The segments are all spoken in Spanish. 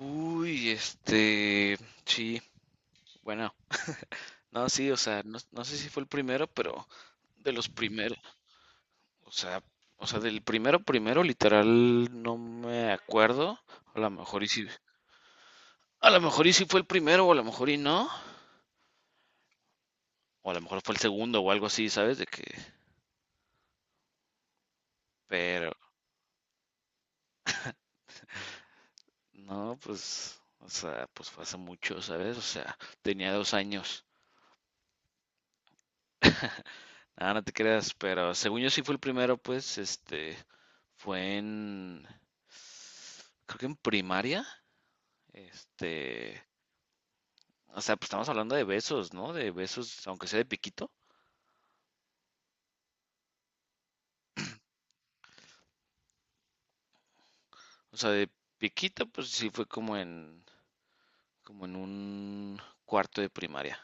Uy, este, sí, bueno, no, sí, o sea, no, no sé si fue el primero, pero de los primeros. O sea, o sea, del primero primero, literal, no me acuerdo. A lo mejor y sí. A lo mejor y sí fue el primero, o a lo mejor y no, o a lo mejor fue el segundo o algo así, ¿sabes? De que, pero no, pues fue hace mucho, ¿sabes? O sea, tenía 2 años. Nada, no te creas, pero según yo sí fue el primero, pues, este, fue en... creo que en primaria. Este, o sea, pues estamos hablando de besos, ¿no? De besos, aunque sea de piquito. O sea, de piquito, pues sí fue como en, como en un cuarto de primaria.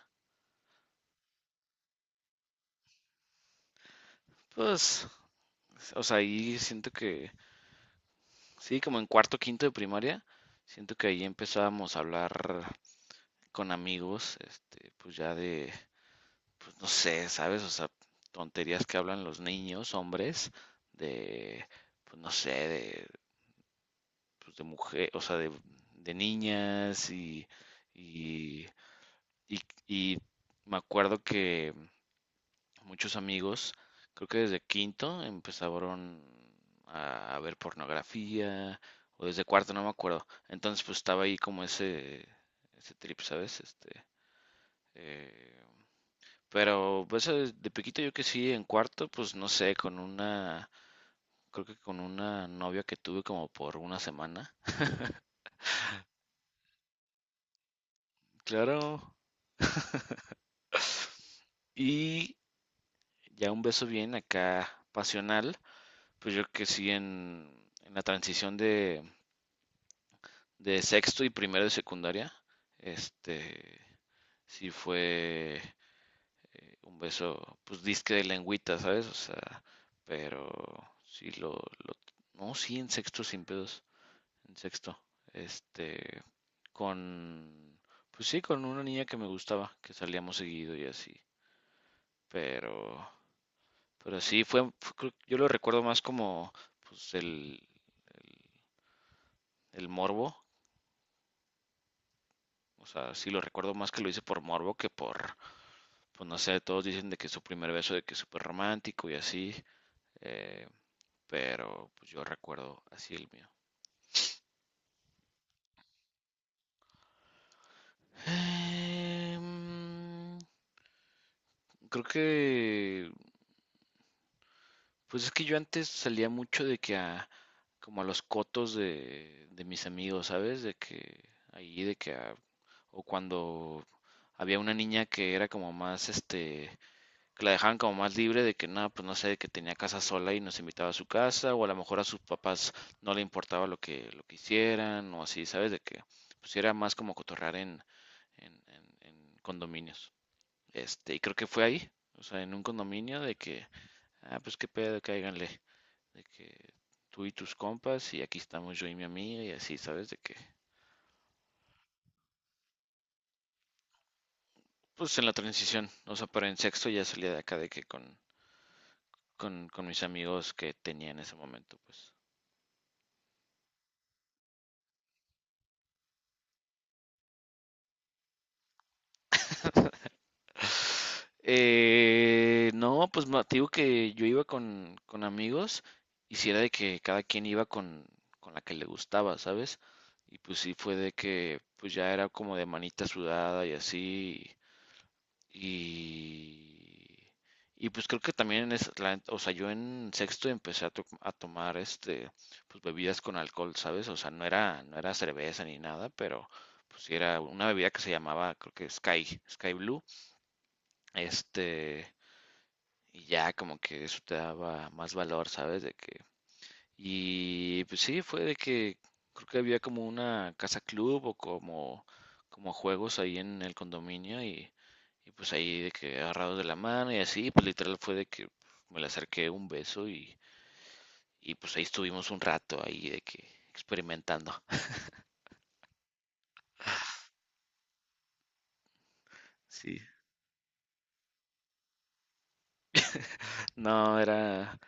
Pues, o sea, ahí siento que sí, como en cuarto, quinto de primaria. Siento que ahí empezábamos a hablar con amigos, este, pues ya de, pues no sé, ¿sabes? O sea, tonterías que hablan los niños, hombres, de, pues no sé, de pues, de mujer, o sea, de niñas. Y, y, y, y me acuerdo que muchos amigos, creo que desde quinto empezaron a ver pornografía o desde cuarto, no me acuerdo. Entonces pues estaba ahí como ese, trip, ¿sabes? Este, eh, pero pues de pequeñito yo que sí, en cuarto, pues no sé, con una, creo que con una novia que tuve como por una semana. Claro. Y ya un beso bien acá pasional, pues yo que sí en la transición de sexto y primero de secundaria, este, sí fue un beso, pues disque de lengüita, ¿sabes? O sea, pero sí lo, no, sí en sexto sin pedos, en sexto, este, con, pues sí, con una niña que me gustaba, que salíamos seguido y así, pero. Pero sí, yo lo recuerdo más como pues, el, el morbo. O sea, sí lo recuerdo más que lo hice por morbo que por, pues no sé. Todos dicen de que su primer beso, de que es súper romántico y así. eh, pero pues yo recuerdo así el mío. Em, Creo que, pues es que yo antes salía mucho de que a, como a los cotos de mis amigos, ¿sabes? De que ahí, de que a. O cuando había una niña que era como más, este, que la dejaban como más libre de que nada, pues no sé, que tenía casa sola y nos invitaba a su casa, o a lo mejor a sus papás no le importaba lo que hicieran, o así, ¿sabes? De que pues sí era más como cotorrear en, en condominios. Este, y creo que fue ahí, o sea, en un condominio de que, ah, pues qué pedo, cáiganle, de que tú y tus compas, y aquí estamos yo y mi amiga, y así, ¿sabes? De que pues en la transición, o sea, pero en sexto ya salía de acá de que con con mis amigos que tenía en ese momento, pues. No, pues te digo que yo iba con amigos y si era de que cada quien iba con la que le gustaba, ¿sabes? Y pues sí fue de que pues ya era como de manita sudada y así. Y, y pues creo que también es, o sea, yo en sexto empecé a tomar, este, pues bebidas con alcohol, ¿sabes? O sea, no era, no era cerveza ni nada, pero pues sí era una bebida que se llamaba, creo que Sky, Sky Blue. Este, y ya como que eso te daba más valor, ¿sabes? De que. Y pues sí, fue de que creo que había como una casa club o como, como juegos ahí en el condominio. Y, y pues ahí de que agarrados de la mano y así, pues literal fue de que me le acerqué un beso. Y, y pues ahí estuvimos un rato ahí de que experimentando. Sí. No, era,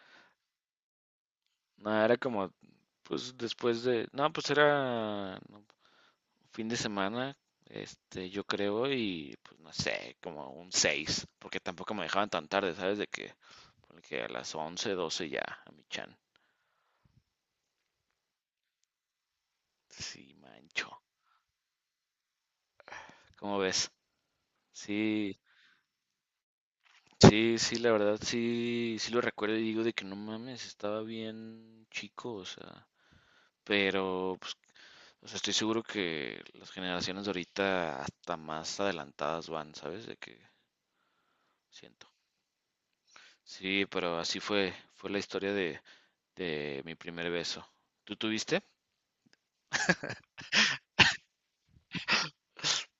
no, era como, pues después de, no, pues era, no. Fin de semana, este, yo creo, y pues no sé, como un 6, porque tampoco me dejaban tan tarde, ¿sabes? De que, porque a las 11, 12 ya, a mi chan. Sí, mancho. ¿Cómo ves? Sí, sí, sí, la verdad, sí, sí lo recuerdo y digo de que no mames, estaba bien chico, o sea, pero, pues, o sea, estoy seguro que las generaciones de ahorita hasta más adelantadas van, ¿sabes? De que siento. Sí, pero así fue la historia de mi primer beso. ¿Tú tuviste?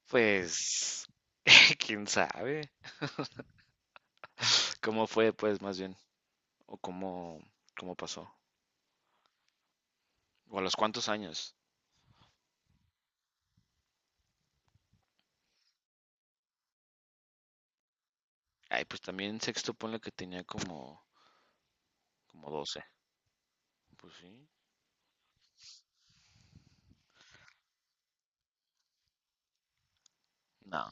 Pues, quién sabe. ¿Cómo fue, pues, más bien? ¿O cómo, cómo pasó? ¿O a los cuántos años? Ay, pues también en sexto ponle que tenía como, como 12. Pues sí. No.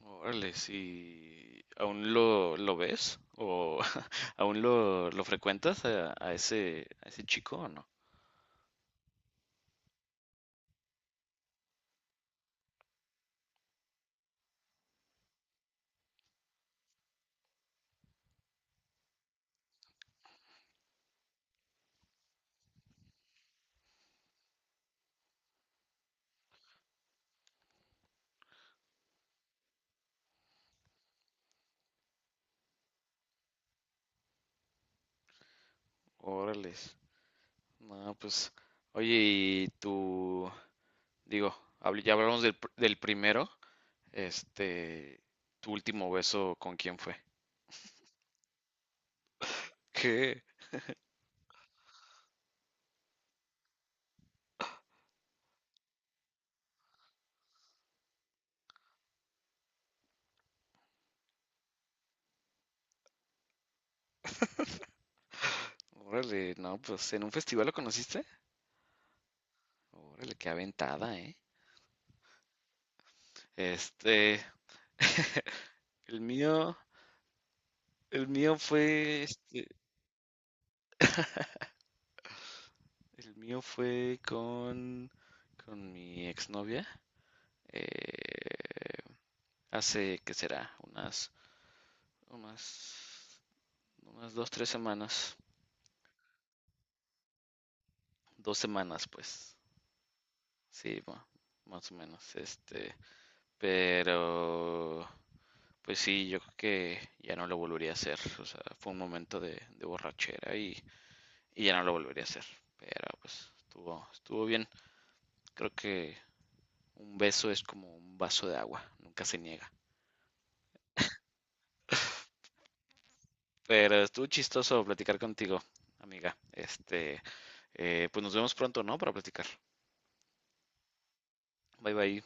Órale, sí. ¿Aún lo ves? ¿O aún lo frecuentas a, a ese chico o no? Órale. No, pues. Oye, y tú. Digo, ya hablamos del, del primero. Este, tu último beso, ¿con quién fue? ¿Qué? Órale, no, pues en un festival lo conociste. Órale, qué aventada, ¿eh? Este, el mío, el mío fue, este, el mío fue con mi exnovia. eh, hace, ¿qué será? Unas, unas 2, 3 semanas. 2 semanas, pues. Sí, más o menos. Este, pero. Pues sí, yo creo que ya no lo volvería a hacer. O sea, fue un momento de borrachera y ya no lo volvería a hacer. Pero pues estuvo bien. Creo que un beso es como un vaso de agua, nunca se niega. Pero estuvo chistoso platicar contigo, amiga. Este, pues nos vemos pronto, ¿no? Para platicar. Bye bye.